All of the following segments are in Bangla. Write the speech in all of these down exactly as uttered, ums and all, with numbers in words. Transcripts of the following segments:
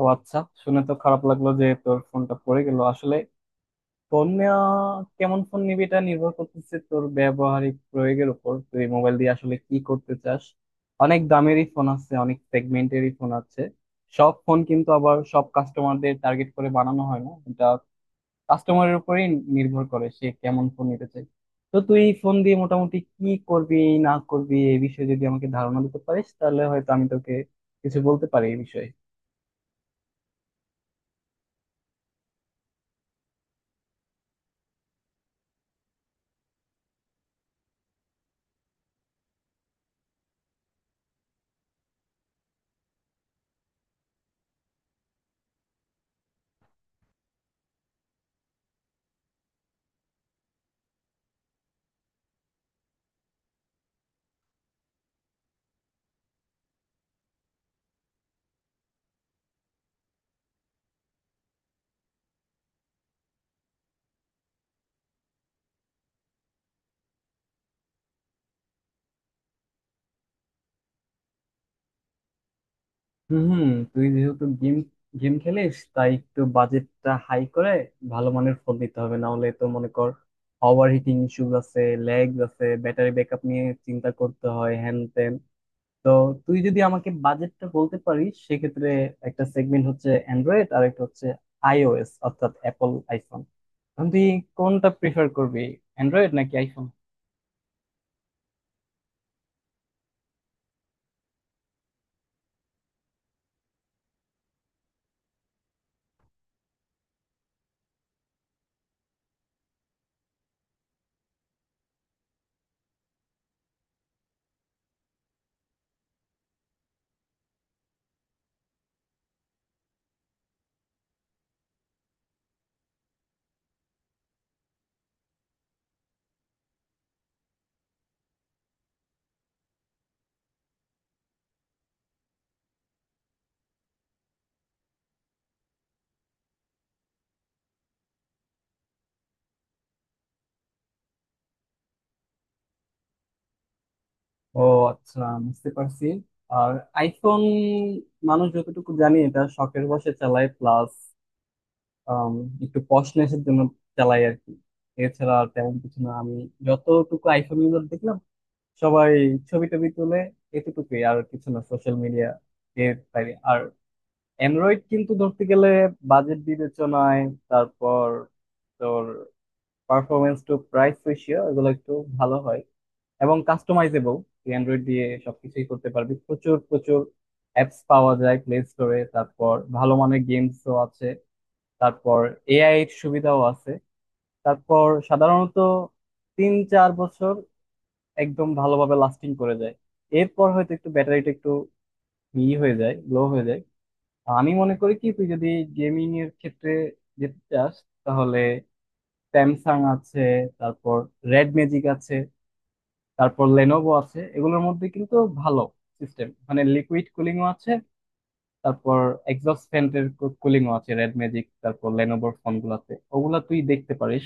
ও আচ্ছা। শুনে তো খারাপ লাগলো যে তোর ফোনটা পড়ে গেল। আসলে ফোন নেওয়া, কেমন ফোন নিবি এটা নির্ভর করতেছে তোর ব্যবহারিক প্রয়োগের উপর। তুই মোবাইল দিয়ে আসলে কি করতে চাস? অনেক দামেরই ফোন আছে, অনেক সেগমেন্টেরই ফোন আছে। সব ফোন কিন্তু আবার সব কাস্টমারদের টার্গেট করে বানানো হয় না, এটা কাস্টমারের উপরেই নির্ভর করে সে কেমন ফোন নিতে চায়। তো তুই ফোন দিয়ে মোটামুটি কি করবি না করবি এই বিষয়ে যদি আমাকে ধারণা দিতে পারিস তাহলে হয়তো আমি তোকে কিছু বলতে পারি এই বিষয়ে। হুম। তুই যেহেতু গেম গেম খেলিস তাই একটু বাজেটটা হাই করে ভালো মানের ফোন দিতে হবে, না হলে তো মনে কর ওভার হিটিং ইস্যুস আছে, ল্যাগ আছে, ব্যাটারি ব্যাকআপ নিয়ে চিন্তা করতে হয় হ্যান ত্যান। তো তুই যদি আমাকে বাজেটটা বলতে পারিস সেক্ষেত্রে একটা সেগমেন্ট হচ্ছে অ্যান্ড্রয়েড আর একটা হচ্ছে আইওএস, অর্থাৎ অ্যাপল আইফোন। এখন তুই কোনটা প্রিফার করবি, অ্যান্ড্রয়েড নাকি আইফোন? ও আচ্ছা, বুঝতে পারছি। আর আইফোন মানুষ যতটুকু জানি এটা শখের বশে চালায়, প্লাস একটু পশনেসের জন্য চালায় আর কি। এছাড়া আর তেমন কিছু না, আমি যতটুকু আইফোন ইউজার দেখলাম সবাই ছবি টবি তুলে এতটুকুই, আর কিছু না সোশ্যাল মিডিয়া এর বাইরে আর। অ্যান্ড্রয়েড কিন্তু ধরতে গেলে বাজেট বিবেচনায়, তারপর তোর পারফরমেন্স টু প্রাইস রেশিও এগুলো একটু ভালো হয় এবং কাস্টমাইজেবল। তুই অ্যান্ড্রয়েড দিয়ে সবকিছুই করতে পারবি, প্রচুর প্রচুর অ্যাপস পাওয়া যায় প্লে স্টোরে, তারপর ভালো মানের গেমসও আছে, তারপর এআই এর সুবিধাও আছে। তারপর সাধারণত তিন চার বছর একদম ভালোভাবে লাস্টিং করে যায়। এরপর হয়তো একটু ব্যাটারিটা একটু ই হয়ে যায়, লো হয়ে যায়। আমি মনে করি কি তুই যদি গেমিং এর ক্ষেত্রে যেতে চাস তাহলে স্যামসাং আছে, তারপর রেড ম্যাজিক আছে, তারপর লেনোভো আছে। এগুলোর মধ্যে কিন্তু ভালো সিস্টেম, মানে লিকুইড কুলিংও আছে, তারপর এক্সস্ট ফ্যানের কুলিংও আছে রেড ম্যাজিক তারপর লেনোভোর ফোন গুলাতে, ওগুলা তুই দেখতে পারিস।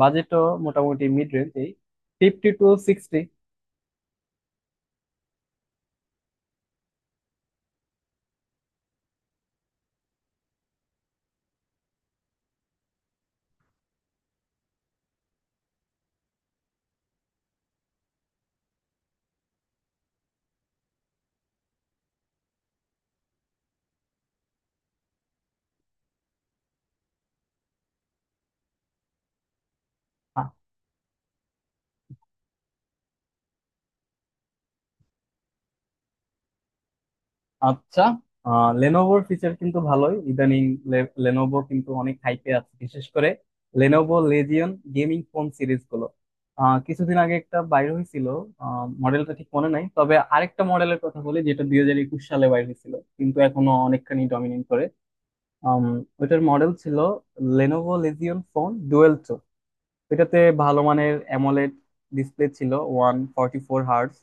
বাজেটও মোটামুটি মিড রেঞ্জ, এই ফিফটি টু সিক্সটি। আচ্ছা, লেনোভোর ফিচার কিন্তু ভালোই ইদানিং। লেনোভো কিন্তু অনেক হাইপে আছে, বিশেষ করে Lenovo Legion gaming phone series গুলো। আহ, কিছুদিন আগে একটা বাইর হয়েছিল, মডেলটা ঠিক মনে নাই, তবে আরেকটা মডেলের কথা বলি যেটা দুই হাজার একুশ সালে বাইর হয়েছিল কিন্তু এখনো অনেকখানি ডমিনেট করে। আম, ওইটার মডেল ছিল লেনোভো লেজিয়ন ফোন ডুয়েল। এটাতে ভালো মানের অ্যামোলেড ডিসপ্লে ছিল ওয়ান ফর্টি ফোর হার্টস,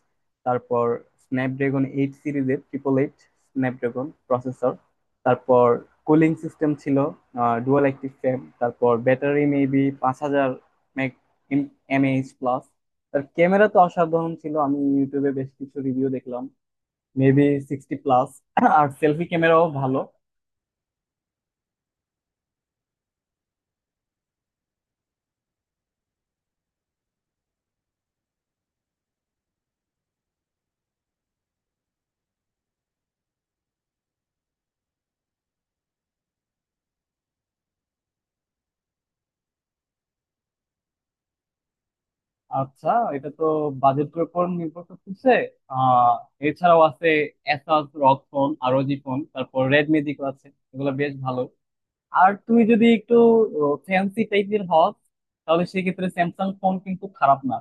তারপর স্ন্যাপড্রাগন এইট সিরিজের ট্রিপল এইট স্ন্যাপড্রাগন প্রসেসর, তারপর কুলিং সিস্টেম ছিল ডুয়াল অ্যাক্টিভ ফ্যান, তারপর ব্যাটারি মেবি পাঁচ হাজার মেগ এমএএইচ প্লাস। তার ক্যামেরা তো অসাধারণ ছিল, আমি ইউটিউবে বেশ কিছু রিভিউ দেখলাম, মেবি সিক্সটি প্লাস, আর সেলফি ক্যামেরাও ভালো। আচ্ছা, এটা তো বাজেটের উপর নির্ভর করতেছে। আহ এছাড়াও আছে এসাস রগ ফোন, আরো জি ফোন, তারপর রেডমি দিকেও আছে, এগুলো বেশ ভালো। আর তুমি যদি একটু ফ্যান্সি টাইপের হও, তাহলে সেক্ষেত্রে স্যামসাং ফোন কিন্তু খারাপ না,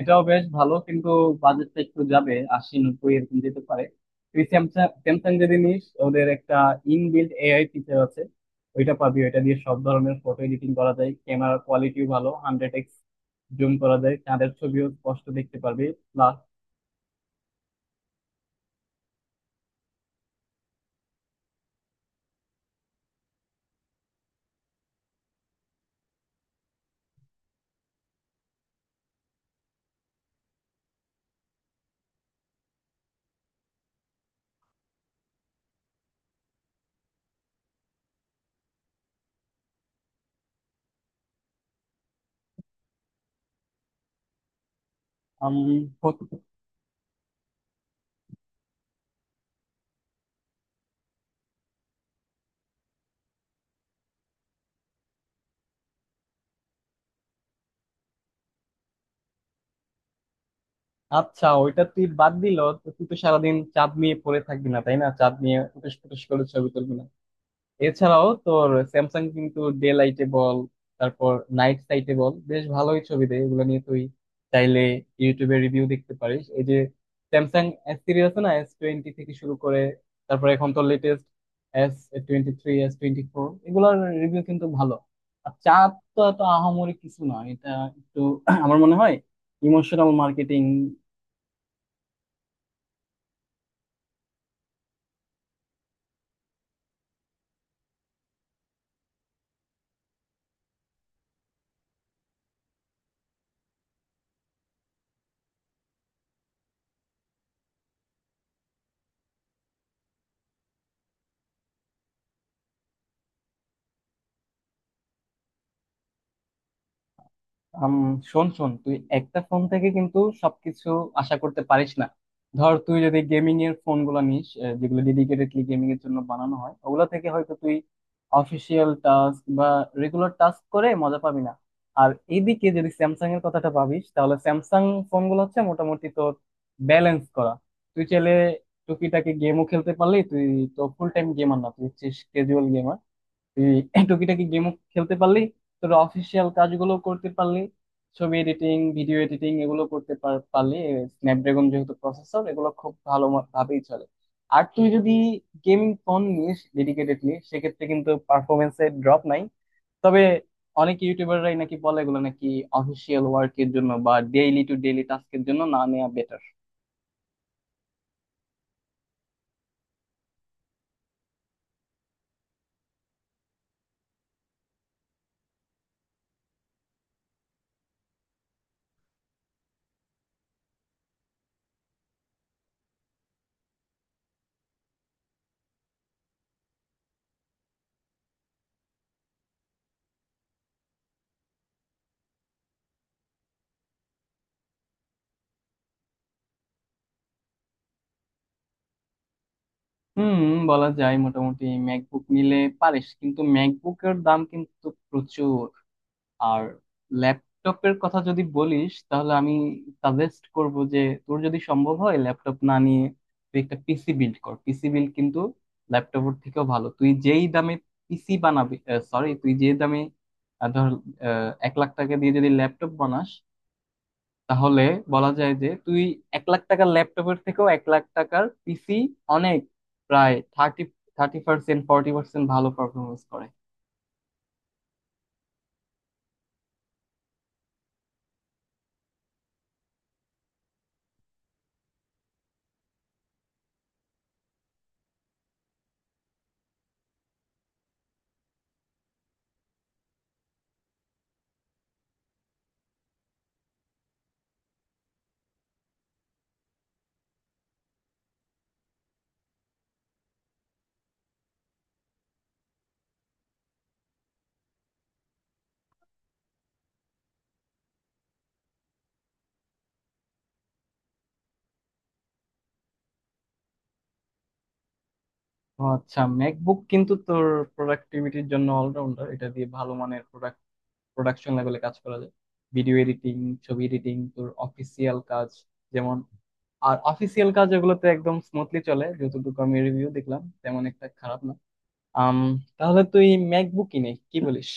এটাও বেশ ভালো। কিন্তু বাজেটটা একটু যাবে, আশি নব্বই এরকম যেতে পারে। তুই স্যামসাং স্যামসাং যদি নিস ওদের একটা ইনবিল্ট এআই ফিচার আছে, ওইটা পাবি। ওইটা দিয়ে সব ধরনের ফটো এডিটিং করা যায়, ক্যামেরা কোয়ালিটিও ভালো, হান্ড্রেড এক্স জুম করা যায়, চাঁদের ছবিও স্পষ্ট দেখতে পারবি প্লাস আম, হত- আচ্ছা ওইটা তুই বাদ দিল। তুই তো সারাদিন চাঁদ নিয়ে পড়ে থাকবি না তাই না, চাঁদ নিয়ে ফুটেস ফুটেস করে ছবি তুলবি না। এছাড়াও তোর স্যামসাং কিন্তু ডে লাইটে বল তারপর নাইট সাইটে বল বেশ ভালোই ছবি দেয়। এগুলো নিয়ে তুই চাইলে ইউটিউবে রিভিউ দেখতে পারিস। এই যে স্যামসাং এস সিরিজ আছে না, এস টোয়েন্টি থেকে শুরু করে তারপর এখন তো latest S twenty three, S twenty four, এগুলোর রিভিউ কিন্তু ভালো। আর চাঁদ তো এত আহামরি কিছু না, এটা একটু আমার মনে হয় ইমোশনাল মার্কেটিং। আম, শোন শোন, তুই একটা ফোন থেকে কিন্তু সবকিছু আশা করতে পারিস না। ধর তুই যদি গেমিং এর ফোন গুলা নিস, আহ, যেগুলো ডেডিকেটেডলি গেমিং এর জন্য বানানো হয় ওগুলা থেকে হয়তো তুই অফিসিয়াল টাস্ক বা রেগুলার টাস্ক করে মজা পাবি না। আর এইদিকে যদি স্যামসাং এর কথাটা ভাবিস তাহলে স্যামসাং ফোন গুলো হচ্ছে মোটামুটি তোর ব্যালেন্স করা। তুই চাইলে টুকিটাকি গেমও খেলতে পারলি, তুই তো ফুল টাইম গেমার না, তুই হচ্ছে ক্যাজুয়াল গেমার। এই টুকিটাকি গেমও খেলতে পারলি, তোর অফিসিয়াল কাজগুলো করতে পারলি, ছবি এডিটিং ভিডিও এডিটিং এগুলো করতে পার- পারলি। স্ন্যাপড্রাগন যেহেতু প্রসেসর এগুলো খুব ভালো ম- ভাবেই চলে। আর তুই যদি গেমিং ফোন নিস ডেডিকেটেডলি সেক্ষেত্রে কিন্তু পারফরমেন্সে ড্রপ নাই। তবে অনেক ইউটিউবাররাই নাকি বলে এগুলো নাকি অফিসিয়াল ওয়ার্কের জন্য বা ডেইলি টু ডেইলি টাস্কের জন্য না নেওয়া বেটার। হুম, বলা যায়। মোটামুটি ম্যাকবুক নিলে পারিস, কিন্তু ম্যাকবুকের দাম কিন্তু প্রচুর। আর ল্যাপটপের কথা যদি বলিস তাহলে আমি সাজেস্ট করব যে তোর যদি সম্ভব হয় ল্যাপটপ না নিয়ে তুই একটা পিসি বিল্ড কর। পিসি বিল্ড কিন্তু ল্যাপটপের থেকেও ভালো। তুই যেই দামে পিসি বানাবি, সরি তুই যে দামে, আহ, ধর আহ, এক লাখ টাকা দিয়ে যদি ল্যাপটপ বানাস তাহলে বলা যায় যে তুই এক লাখ টাকার ল্যাপটপের থেকেও এক লাখ টাকার পিসি অনেক, প্রায় thirty thirty percent forty percent ভালো পারফরমেন্স করে। ও আচ্ছা, ম্যাকবুক কিন্তু তোর প্রোডাক্টিভিটির জন্য অলরাউন্ডার। এটা দিয়ে ভালো মানের প্রোডাক্ট প্রোডাকশন লেভেলে কাজ করা যায়, ভিডিও এডিটিং, ছবি এডিটিং, তোর অফিসিয়াল কাজ, যেমন আর অফিসিয়াল কাজ, এগুলোতে একদম স্মুথলি চলে। যতটুকু আমি রিভিউ দেখলাম তেমন একটা খারাপ না। আম তাহলে তুই ম্যাকবুক কিনে কি বলিস?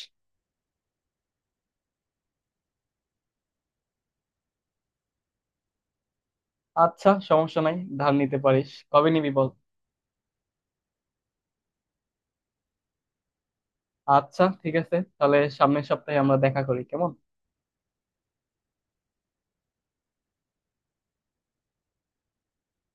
আচ্ছা সমস্যা নাই, ধার নিতে পারিস, কবে নিবি বল? আচ্ছা ঠিক আছে, তাহলে সামনের সপ্তাহে আমরা দেখা করি কেমন।